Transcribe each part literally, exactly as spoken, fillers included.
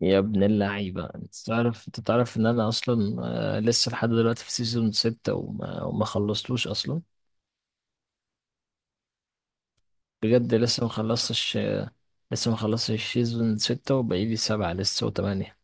يا ابن اللعيبة، انت تعرف انت تعرف ان انا اصلا آه، لسه لحد دلوقتي في سيزون ستة وما, وما خلصتوش اصلا. بجد لسه ما خلصتش. لسه ما خلصتش سيزون ستة، وبقيلي سبعة لسه وثمانية.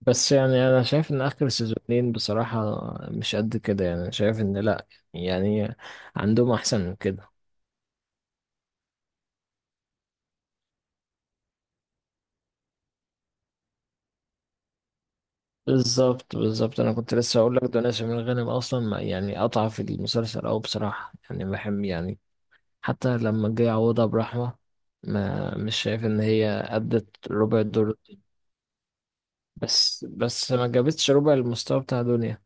بس يعني انا شايف ان اخر سيزونين بصراحة مش قد كده. يعني أنا شايف ان لا، يعني عندهم احسن من كده. بالظبط، بالظبط، انا كنت لسه اقول لك ده. ناس من الغنم اصلا ما- يعني اضعف المسلسل، او بصراحة يعني بحب يعني. حتى لما جه يعوضها برحمة، ما مش شايف ان هي ادت ربع الدور. بس بس ما جابتش ربع المستوى بتاع دنيا.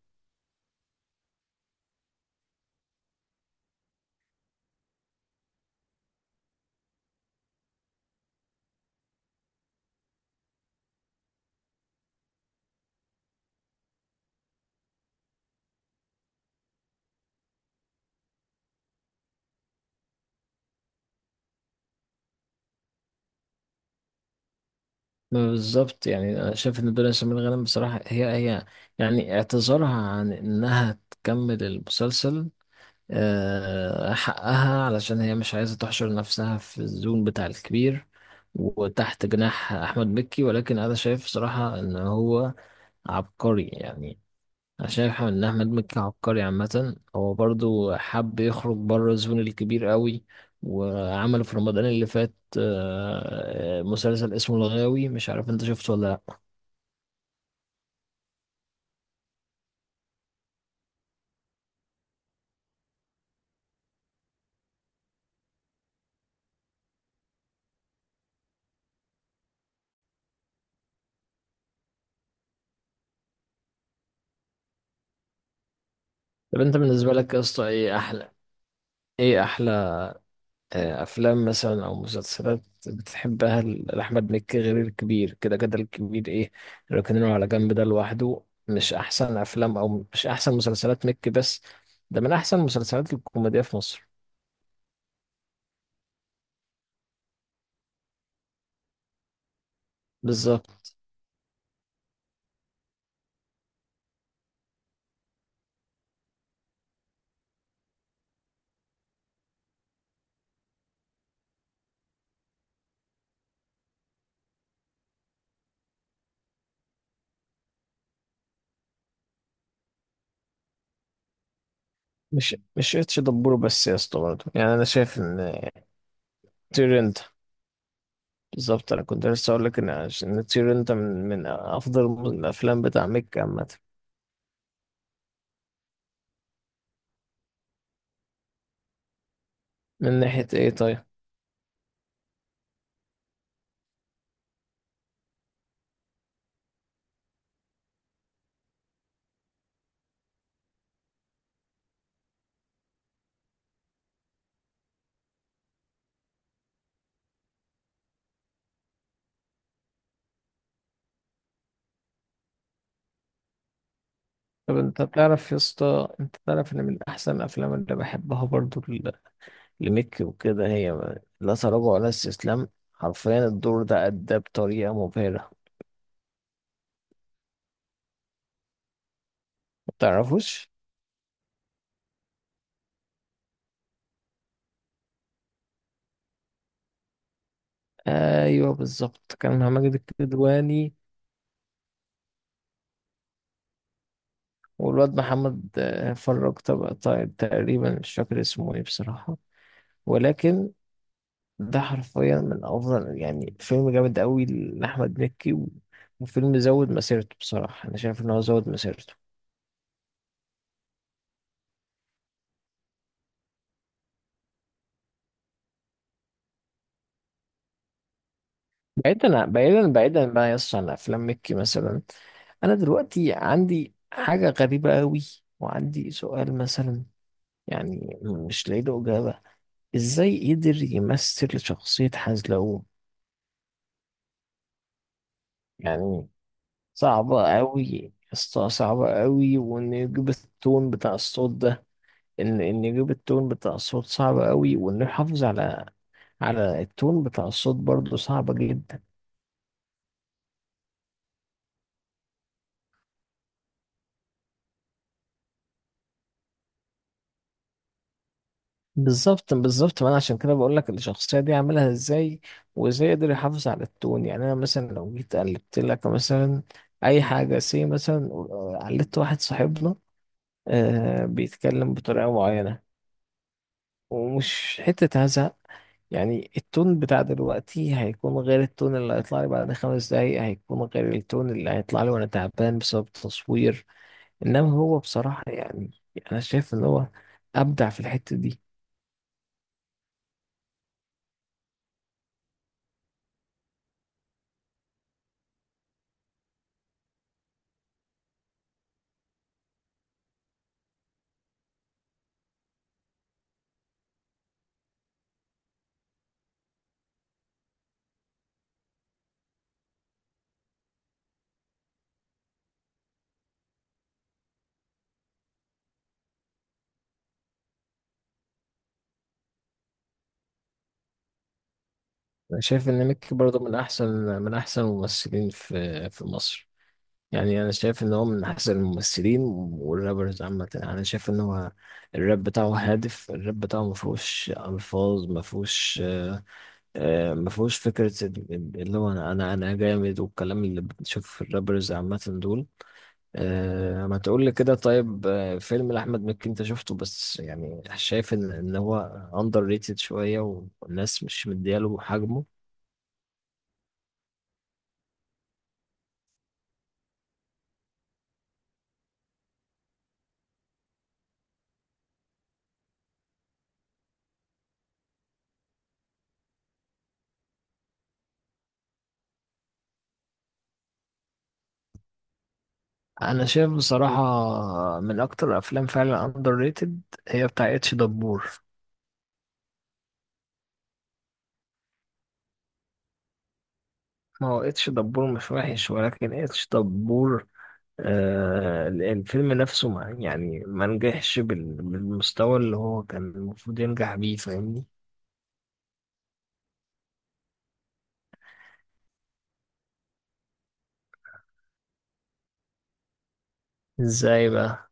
ما بالظبط، يعني انا شايف ان دنيا سمير غانم بصراحة هي هي يعني اعتذارها عن انها تكمل المسلسل آه، حقها، علشان هي مش عايزة تحشر نفسها في الزون بتاع الكبير وتحت جناح احمد مكي. ولكن انا شايف صراحة ان هو عبقري يعني. انا شايف ان احمد مكي عبقري عامه. هو برضو حب يخرج بره الزون الكبير قوي، وعمل في رمضان اللي فات آه، آه، مسلسل اسمه الغاوي. مش عارف انت شفته ولا لا؟ طب انت بالنسبه لك يا اسطى، ايه احلى، ايه احلى آه، افلام مثلا او مسلسلات بتحبها ل- لاحمد مكي غير الكبير؟ كده كده الكبير ايه، ركنينه على جنب ده لوحده. مش احسن افلام او مش احسن مسلسلات مكي بس، ده من احسن المسلسلات الكوميديه في مصر. بالظبط. مش مش اتش دبور بس يا اسطى برضه، يعني انا شايف ان طير انت، بالظبط. انا كنت لسه اقول لك ان ان طير انت من من افضل الافلام بتاع ميك عامه. من ناحيه ايه طيب؟ طب انت تعرف يا اسطى، انت تعرف ان من احسن الافلام اللي بحبها برضه ل- لميك وكده، هي لا تراجع ولا استسلام. حرفيا الدور ده اداه بطريقه مبهره. ما تعرفوش؟ ايوه بالظبط، كان مع ماجد الكدواني. والواد محمد آه، فرج، طب طيب، تقريبا مش فاكر اسمه ايه بصراحة. ولكن ده حرفيا من افضل، يعني فيلم جامد قوي لأحمد مكي و- وفيلم زود مسيرته بصراحة. انا شايف ان هو زود مسيرته. بعيدا بعيدا بعيدا بقى يس عن افلام مكي مثلا، انا دلوقتي عندي حاجة غريبة قوي، وعندي سؤال مثلا يعني مش لاقي له إجابة: ازاي قدر يمثل شخصية حزلقوم؟ يعني صعبة أوي اسطى، صعبة أوي. وإنه يجيب التون بتاع الصوت ده، إن إن يجيب التون بتاع الصوت صعب أوي، وإنه يحافظ على على التون بتاع الصوت برضه صعبة جدا. بالظبط بالظبط. ما أنا عشان كده بقول لك الشخصية دي عاملها إزاي، وإزاي يقدر يحافظ على التون. يعني أنا مثلا لو جيت قلبت لك مثلا أي حاجة سي مثلا، قلدت واحد صاحبنا آه بيتكلم بطريقة معينة، ومش حتة هزق، يعني التون بتاع دلوقتي هيكون غير التون اللي هيطلع لي بعد خمس دقايق، هيكون غير التون اللي هيطلع لي وانا تعبان بسبب التصوير. انما هو بصراحة يعني، انا شايف ان هو ابدع في الحتة دي. انا شايف ان ميكي برضه من احسن، من احسن الممثلين في في مصر. يعني انا شايف ان هو من احسن الممثلين والرابرز عامة. انا شايف ان هو الراب بتاعه هادف، الراب بتاعه ما فيهوش الفاظ، ما فيهوش آه، ما فيهوش فكرة ال- ال- اللي هو أنا أنا أنا جامد، والكلام اللي بتشوفه في الرابرز عامة دول. أه، ما تقول لي كده، طيب آه، فيلم لأحمد مكي أنت شفته، بس يعني شايف إن إن هو أندر ريتد شوية، والناس مش مدياله حجمه؟ أنا شايف بصراحة من أكتر الأفلام فعلا أندر ريتد هي بتاع اتش دبور. ما هو اتش دبور مش وحش، ولكن اتش دبور آه، الفيلم نفسه ما يعني ما نجحش بال- بالمستوى اللي هو كان المفروض ينجح بيه. فاهمني؟ ازاي بقى؟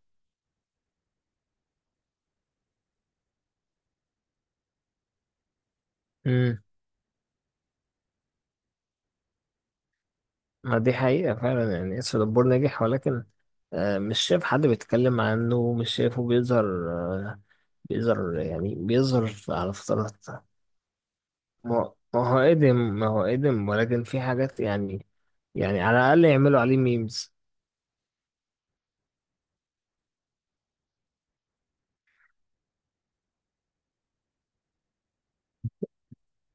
امم ما دي حقيقة فعلا. يعني اسف دبور نجح، ولكن آه، مش شايف حد بيتكلم عنه، مش شايفه بيظهر، آه، بيظهر، يعني بيظهر في- على فترات. ما ما هو قدم، ما هو قدم، ولكن في حاجات يعني، يعني على الأقل يعملوا عليه ميمز.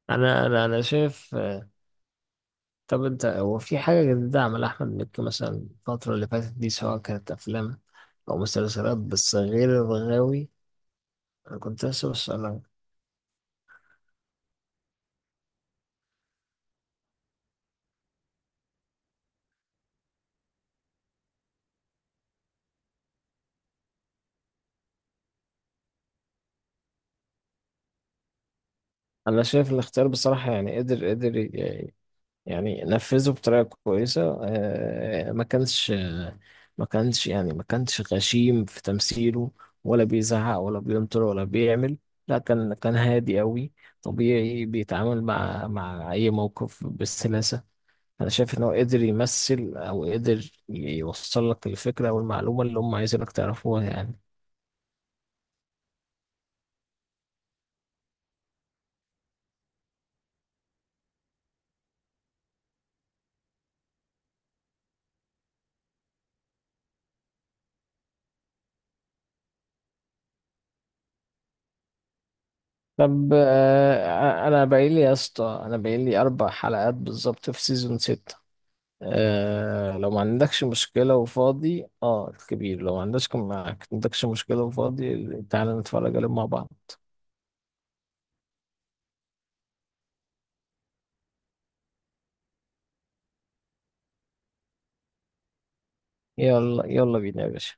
أنا أنا أنا شايف. طب انت، هو في حاجة جديدة عملها أحمد مكي مثلا الفترة اللي فاتت دي، سواء كانت أفلام أو مسلسلات بس غير الغاوي؟ أنا كنت لسه بسألك. أنا شايف الاختيار بصراحة يعني قدر، قدر ي- يعني نفذه بطريقة كويسة. آه، ما كانش، ما كانش يعني ما كانش غشيم في تمثيله، ولا بيزعق ولا بيمطر ولا بيعمل. لا، كان كان هادي قوي، طبيعي، بيتعامل مع مع أي موقف بسلاسة. انا شايف ان هو قدر يمثل او قدر يوصل لك الفكره او المعلومه اللي هم عايزينك تعرفوها يعني. طب آه، انا باقي لي يا اسطى، انا باقي لي اربع حلقات بالظبط في سيزون ستة. أه لو ما عندكش مشكله وفاضي، اه الكبير، لو ما عندكش ما عندكش مشكله وفاضي، تعالى نتفرج عليهم مع بعض. يلا يلا بينا يا باشا.